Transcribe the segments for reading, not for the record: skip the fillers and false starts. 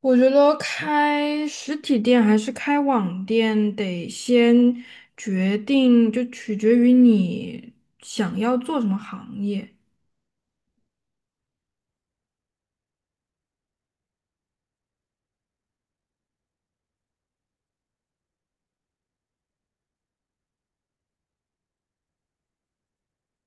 我觉得开实体店还是开网店，得先决定，就取决于你想要做什么行业。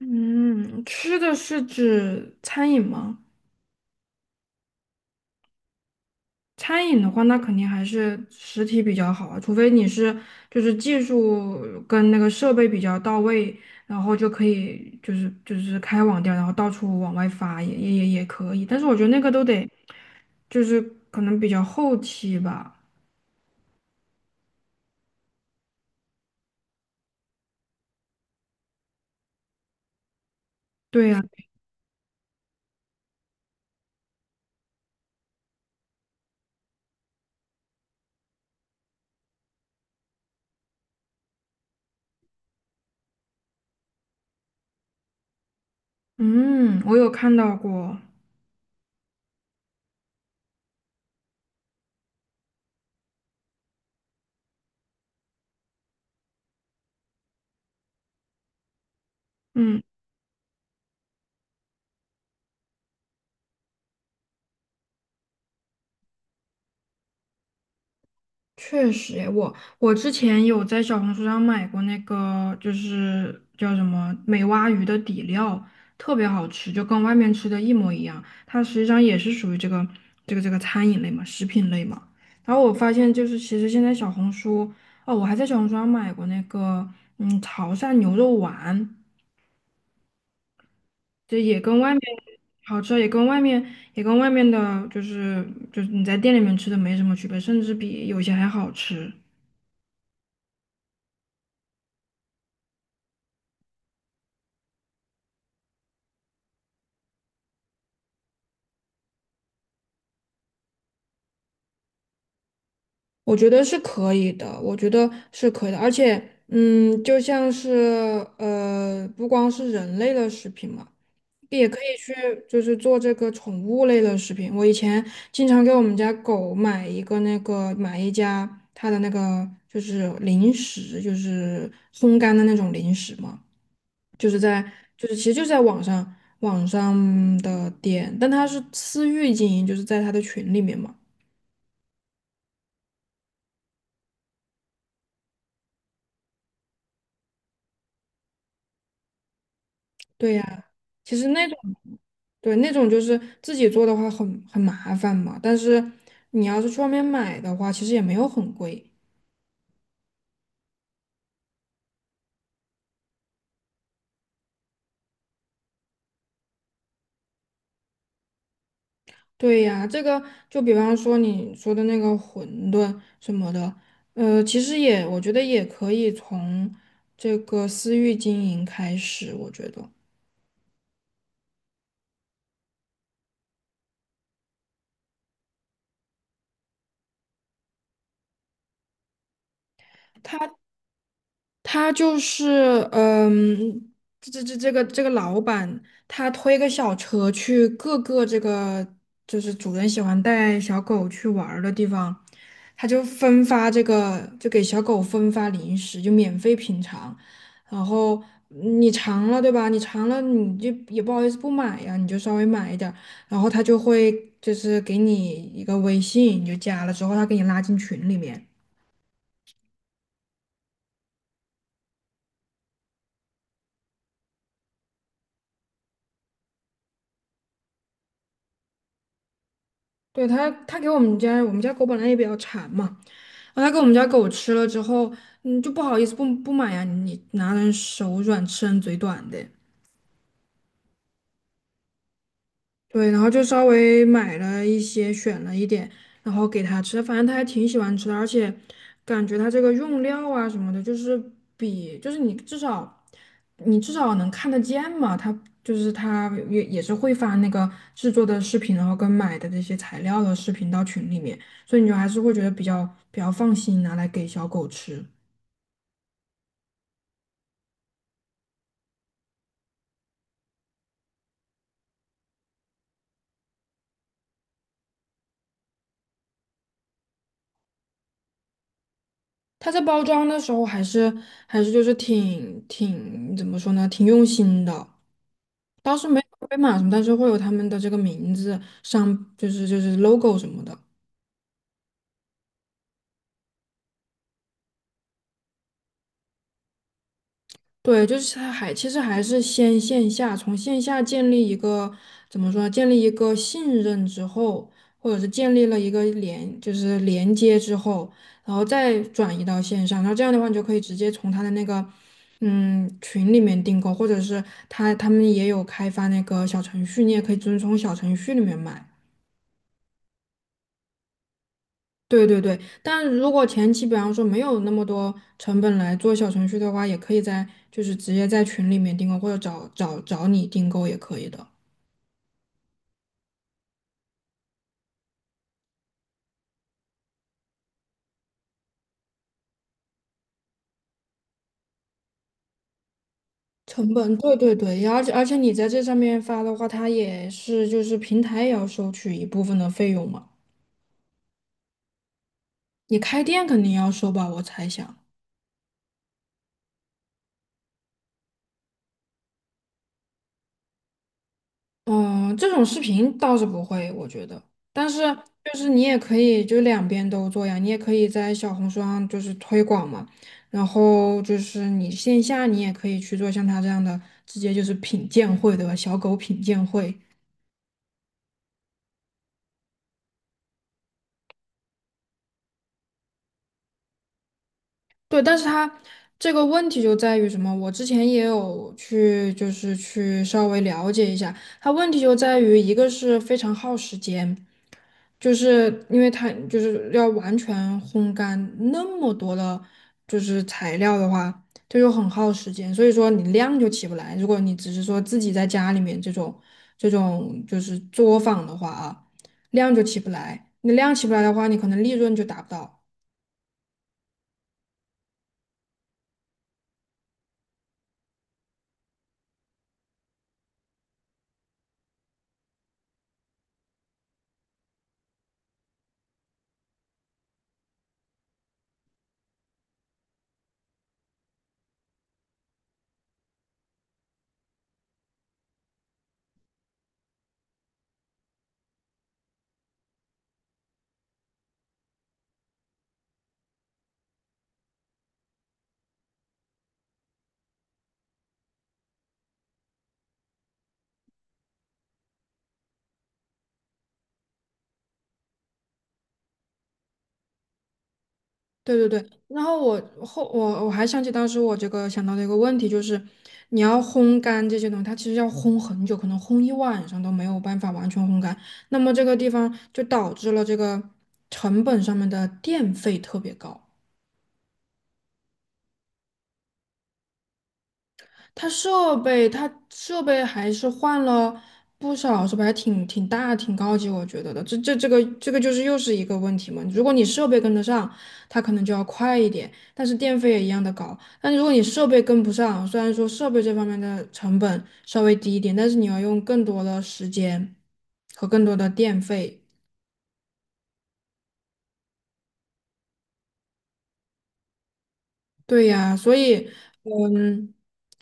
嗯，吃的是指餐饮吗？餐饮的话，那肯定还是实体比较好啊，除非你是技术跟那个设备比较到位，然后就可以开网店，然后到处往外发也可以。但是我觉得那个都得就是可能比较后期吧。对呀，嗯，我有看到过，嗯，确实诶我之前有在小红书上买过那个，就是叫什么美蛙鱼的底料，特别好吃，就跟外面吃的一模一样。它实际上也是属于这个餐饮类嘛，食品类嘛。然后我发现，就是其实现在小红书，哦，我还在小红书上买过那个，嗯，潮汕牛肉丸。这也跟外面好吃，也跟外面的，就是你在店里面吃的没什么区别，甚至比有些还好吃。我觉得是可以的，我觉得是可以的，而且，嗯，就像是不光是人类的食品嘛，也可以去做这个宠物类的食品。我以前经常给我们家狗买一个那个买一家它的那个就是零食，就是烘干的那种零食嘛。就是在其实就是在网上的店，但他是私域经营，就是在他的群里面嘛。对呀，其实那种对那种就是自己做的话很麻烦嘛，但是你要是去外面买的话，其实也没有很贵。对呀，这个就比方说你说的那个馄饨什么的，其实也我觉得也可以从这个私域经营开始，我觉得。他就是，嗯，这个老板，他推个小车去各个这个就是主人喜欢带小狗去玩儿的地方，他就分发这个，就给小狗分发零食，就免费品尝。然后你尝了，对吧？你尝了，你就也不好意思不买呀，你就稍微买一点儿。然后他就会给你一个微信，你就加了之后，他给你拉进群里面。对，他给我们家狗本来也比较馋嘛。后他给我们家狗吃了之后，嗯，就不好意思不买呀，你拿人手软，吃人嘴短的。对，然后就稍微买了一些，选了一点，然后给它吃，反正它还挺喜欢吃的，而且感觉它这个用料啊什么的，就是比就是你至少能看得见嘛，它就是它也是会发那个制作的视频，然后跟买的这些材料的视频到群里面，所以你就还是会觉得比较放心拿来给小狗吃。它在包装的时候还是就是挺怎么说呢，挺用心的。当时没有被码什么，但是会有他们的这个名字上，就是 logo 什么的。对，就是他还其实还是先线下，从线下建立一个怎么说呢建立一个信任之后，或者是建立了一个连，就是连接之后，然后再转移到线上，然后这样的话，你就可以直接从他的那个嗯群里面订购，或者是他们也有开发那个小程序，你也可以遵从小程序里面买。对对对，但如果前期比方说没有那么多成本来做小程序的话，也可以在直接在群里面订购，或者找你订购也可以的。成本，对对对，而且你在这上面发的话，它也是就是平台也要收取一部分的费用嘛。你开店肯定要收吧，我猜想。嗯，这种视频倒是不会，我觉得。但是就是你也可以就两边都做呀，你也可以在小红书上就是推广嘛，然后就是你线下你也可以去做像他这样的，直接就是品鉴会，对吧？小狗品鉴会。对，但是它这个问题就在于什么？我之前也有去，就是去稍微了解一下，它问题就在于一个是非常耗时间，就是因为它就是要完全烘干那么多的，就是材料的话，这就很耗时间，所以说你量就起不来。如果你只是说自己在家里面这种就是作坊的话啊，量就起不来，你量起不来的话，你可能利润就达不到。对对对，然后我还想起当时我这个想到的一个问题，就是你要烘干这些东西，它其实要烘很久，可能烘一晚上都没有办法完全烘干。那么这个地方就导致了这个成本上面的电费特别高。它设备，它设备还是换了不少，设备还挺挺大、挺高级，我觉得的。这个就是又是一个问题嘛。如果你设备跟得上，它可能就要快一点，但是电费也一样的高。但如果你设备跟不上，虽然说设备这方面的成本稍微低一点，但是你要用更多的时间和更多的电费。对呀，所以，嗯，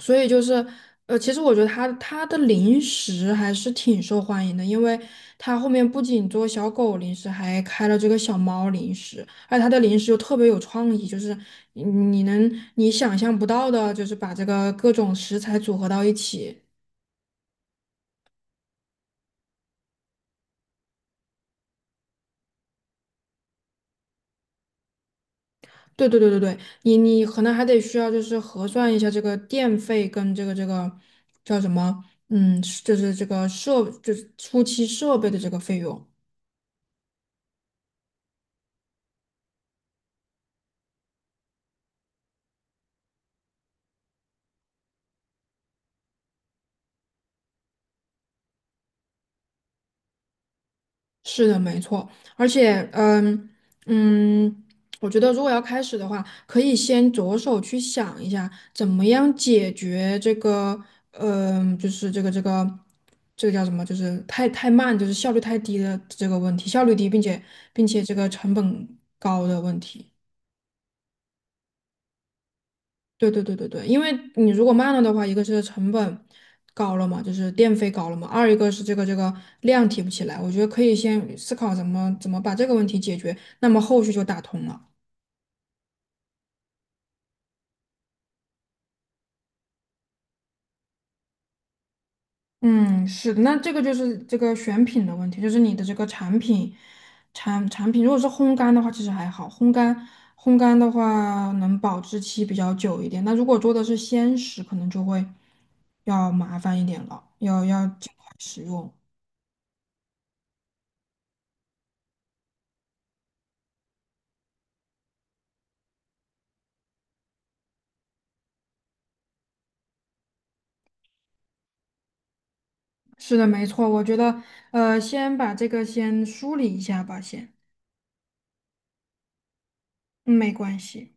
所以就是，其实我觉得它的零食还是挺受欢迎的，因为它后面不仅做小狗零食，还开了这个小猫零食，而且它的零食又特别有创意，就是你你能你想象不到的，就是把这个各种食材组合到一起。对对对对对，你可能还得需要就是核算一下这个电费跟这个叫什么，嗯，就是这个设就是初期设备的这个费用。是的，没错，而且，嗯嗯，我觉得如果要开始的话，可以先着手去想一下，怎么样解决这个，嗯，就是这个叫什么，就是太慢，就是效率太低的这个问题，效率低，并且这个成本高的问题。对对对对对，因为你如果慢了的话，一个是成本高了嘛，就是电费高了嘛；二一个是这个量提不起来。我觉得可以先思考怎么把这个问题解决，那么后续就打通了。嗯，是的，那这个就是这个选品的问题，就是你的这个产品产品，如果是烘干的话，其实还好，烘干的话能保质期比较久一点。那如果做的是鲜食，可能就会要麻烦一点了，要尽快使用。是的，没错，我觉得，先把这个先梳理一下吧，先，嗯，没关系。